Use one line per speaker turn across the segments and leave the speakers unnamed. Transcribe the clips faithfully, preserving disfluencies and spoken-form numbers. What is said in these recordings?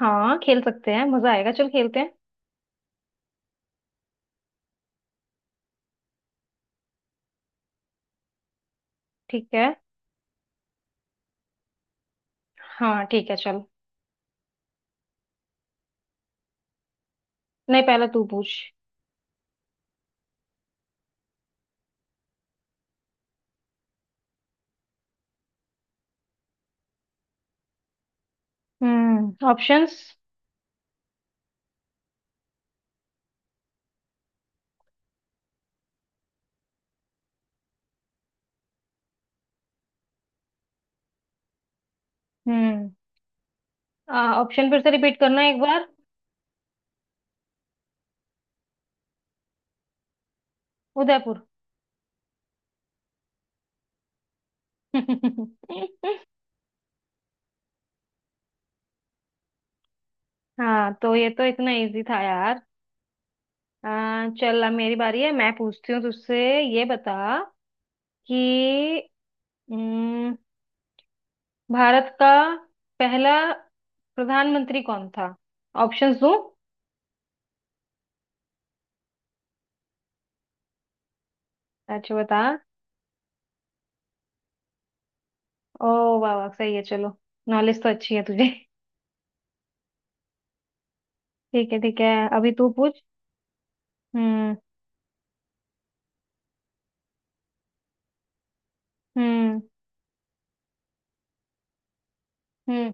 हाँ, खेल सकते हैं। मजा आएगा। चल खेलते हैं। ठीक है। हाँ ठीक है, चल। नहीं, पहले तू पूछ। हम्म, ऑप्शंस। हम्म। आ, ऑप्शन फिर से रिपीट करना एक बार। उदयपुर। हाँ तो ये तो इतना इजी था यार। आ, चल अब मेरी बारी है, मैं पूछती हूँ तुझसे। ये बता कि हम्म, भारत का पहला प्रधानमंत्री कौन था? ऑप्शंस दूँ? अच्छा बता। ओ, वाह वाह, सही है। चलो, नॉलेज तो अच्छी है तुझे। ठीक है, ठीक है। अभी तू पूछ। हम्म। हम्म। हम्म।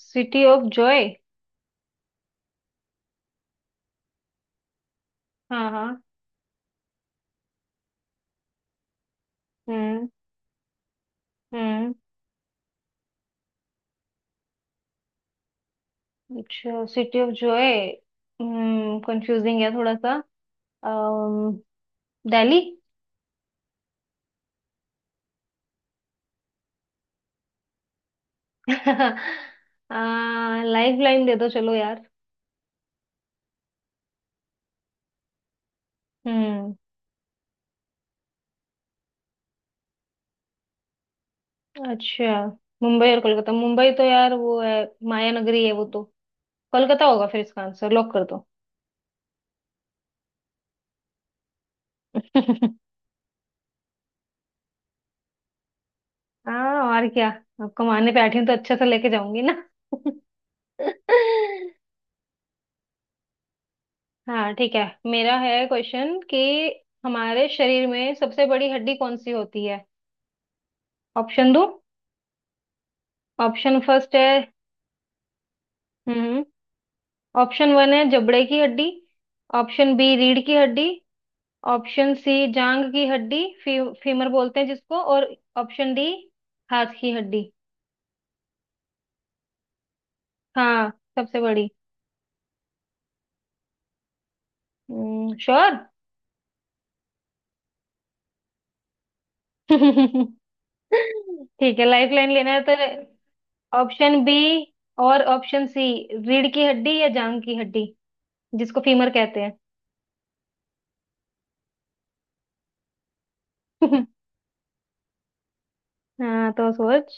City of joy. हाँ हाँ। हम्म। हम्म। अच्छा, सिटी ऑफ जॉय। हम्म, कंफ्यूजिंग है थोड़ा सा। अम्म दिल्ली। आ, लाइफ लाइन दे दो चलो यार। हम्म। अच्छा, मुंबई और कोलकाता। मुंबई तो यार वो है, माया नगरी है वो तो। कोलकाता होगा फिर, इसका आंसर लॉक कर दो। हाँ, और क्या। अब कमाने पे बैठी हूँ तो अच्छे से लेके जाऊंगी ना। हाँ ठीक है। मेरा है क्वेश्चन कि हमारे शरीर में सबसे बड़ी हड्डी कौन सी होती है? ऑप्शन दो। ऑप्शन फर्स्ट है। हम्म। ऑप्शन वन है जबड़े की हड्डी। ऑप्शन बी रीढ़ की हड्डी। ऑप्शन सी जांग की हड्डी, फी, फीमर बोलते हैं जिसको। और ऑप्शन डी हाथ की हड्डी। हाँ, सबसे बड़ी। श्योर। ठीक है, लाइफ लाइन लेना है तो। ऑप्शन बी और ऑप्शन सी, रीढ़ की हड्डी या जांग की हड्डी, जिसको फीमर कहते हैं। हाँ तो सोच।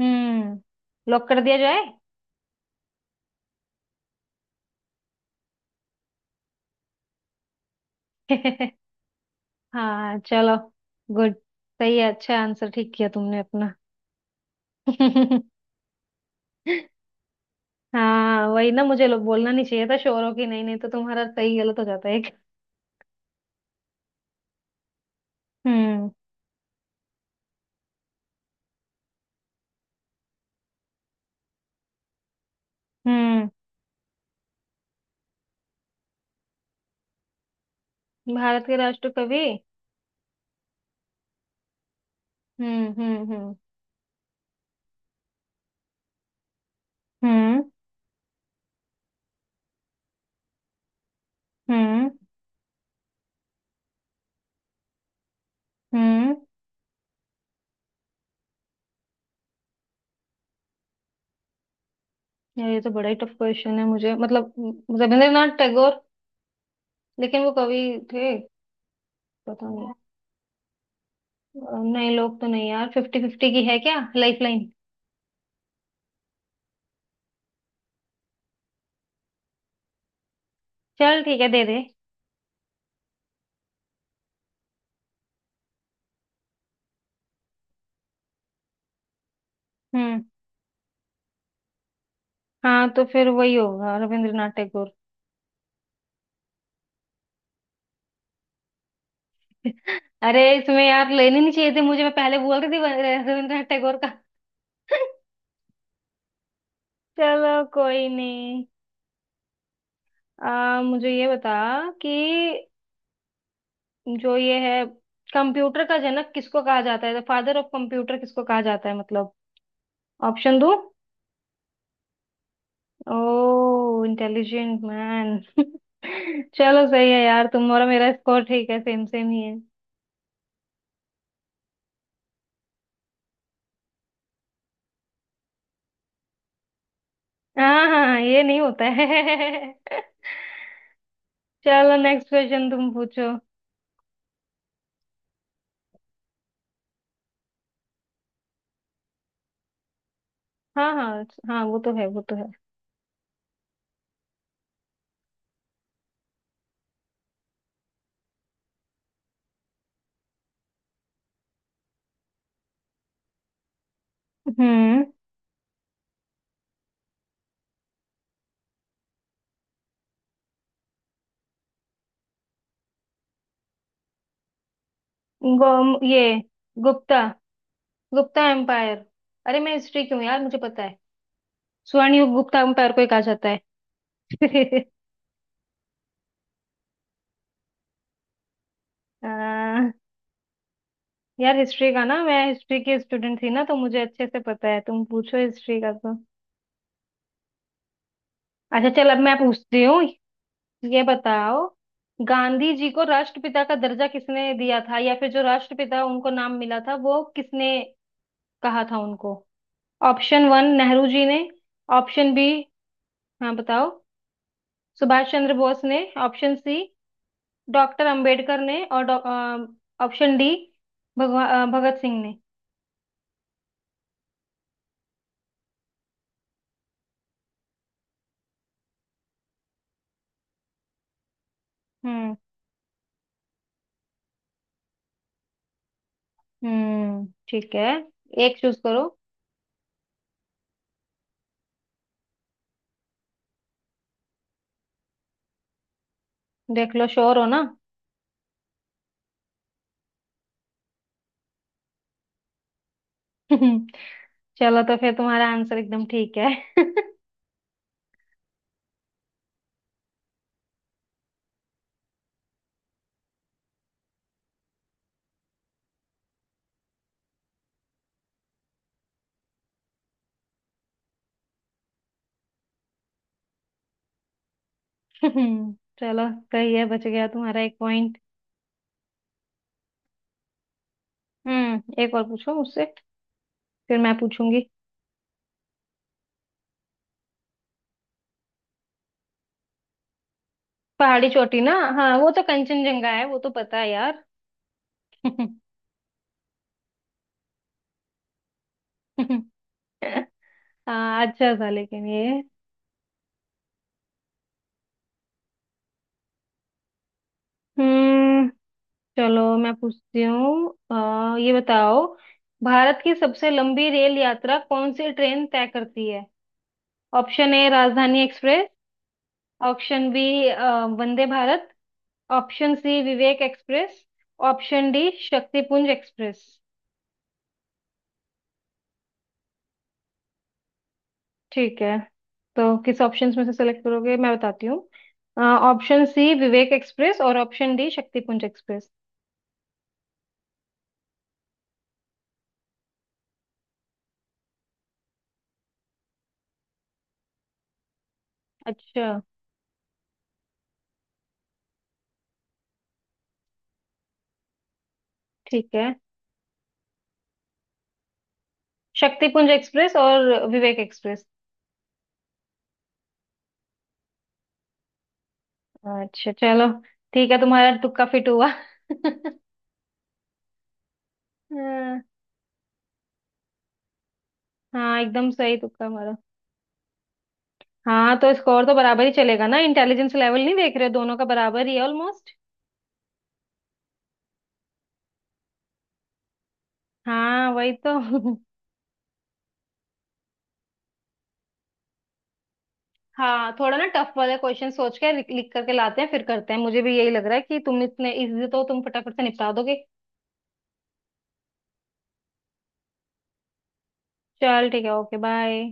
हम्म, लॉक कर दिया जाए? हाँ चलो, गुड। सही है, अच्छा आंसर ठीक किया तुमने अपना। हाँ वही ना, मुझे लोग बोलना नहीं चाहिए था शोरों की। नहीं, नहीं तो तुम्हारा सही गलत हो जाता है। एक। हम्म। हम्म। भारत के राष्ट्र कवि। हम्म। हम्म। हम्म। हम्म। हम्म। हम्म। यार ये तो बड़ा ही टफ क्वेश्चन है मुझे, मतलब म, रविंद्रनाथ टैगोर, लेकिन वो कवि थे? पता नहीं। अ, नहीं, लोग तो नहीं यार। फिफ्टी फिफ्टी की है क्या लाइफ लाइन? चल ठीक है, दे दे। हम्म। हाँ तो फिर वही होगा, रविंद्रनाथ टैगोर। अरे इसमें यार लेने नहीं चाहिए थे मुझे, मैं पहले बोल रही थी व- रविंद्रनाथ टैगोर का। चलो कोई नहीं। आ, मुझे ये बता कि जो ये है, कंप्यूटर का जनक किसको कहा जाता है, फादर ऑफ कंप्यूटर किसको कहा जाता है मतलब। ऑप्शन दो। Oh, intelligent man. चलो सही है यार, तुम और मेरा स्कोर ठीक है, सेम सेम ही है। हाँ हाँ हाँ, ये नहीं होता है। चलो नेक्स्ट क्वेश्चन तुम पूछो। हाँ हाँ हाँ, वो तो है, वो तो है। हम्म। गो, ये, गुप्ता, गुप्ता एम्पायर। अरे मैं हिस्ट्री क्यों, यार मुझे पता है, स्वर्णयुग गुप्ता एम्पायर को ही कहा जाता है। आ, यार हिस्ट्री का ना, मैं हिस्ट्री की स्टूडेंट थी ना, तो मुझे अच्छे से पता है। तुम पूछो हिस्ट्री का तो। अच्छा चल, अब मैं पूछती हूँ। ये बताओ, गांधी जी को राष्ट्रपिता का दर्जा किसने दिया था, या फिर जो राष्ट्रपिता उनको नाम मिला था वो किसने कहा था उनको? ऑप्शन वन नेहरू जी ने। ऑप्शन बी, हाँ बताओ, सुभाष चंद्र बोस ने। ऑप्शन सी डॉक्टर अंबेडकर ने। और डॉ- अ, ऑप्शन डी भगवा अ, भगत सिंह ने। हम्म। हम्म ठीक है। एक चूज करो। देख लो, श्योर हो ना। चलो तो फिर तुम्हारा आंसर एकदम ठीक है। हम्म, चलो सही है, बच गया तुम्हारा एक पॉइंट। हम्म, एक और पूछो मुझसे, फिर मैं पूछूंगी। पहाड़ी चोटी ना। हाँ वो तो कंचनजंगा है, वो तो पता है यार। हाँ अच्छा था, लेकिन ये। हम्म। चलो, मैं पूछती हूँ। अ, ये बताओ, भारत की सबसे लंबी रेल यात्रा कौन सी ट्रेन तय करती है? Option A Rajdhani express. Option B Vande Bharat. Option C Vivek express. Option D Shaktipunj express. ठीक है, तो किस ऑप्शंस में से सेलेक्ट करोगे, मैं बताती हूँ। ऑप्शन सी विवेक एक्सप्रेस और ऑप्शन डी शक्तिपुंज एक्सप्रेस। अच्छा। ठीक है, शक्तिपुंज एक्सप्रेस और विवेक एक्सप्रेस। अच्छा चलो, ठीक है, तुम्हारा तुक्का फिट हुआ। हाँ। हाँ, एकदम सही तुक्का हमारा। हाँ तो स्कोर तो बराबर ही चलेगा ना, इंटेलिजेंस लेवल नहीं देख रहे हो, दोनों का बराबर ही है ऑलमोस्ट। हाँ वही तो। हाँ, थोड़ा ना टफ वाले क्वेश्चन सोच के लिख, लिख करके लाते हैं, फिर करते हैं। मुझे भी यही लग रहा है कि तुम इतने इजी तो तुम फटाफट से निपटा दोगे। चल ठीक है, ओके बाय।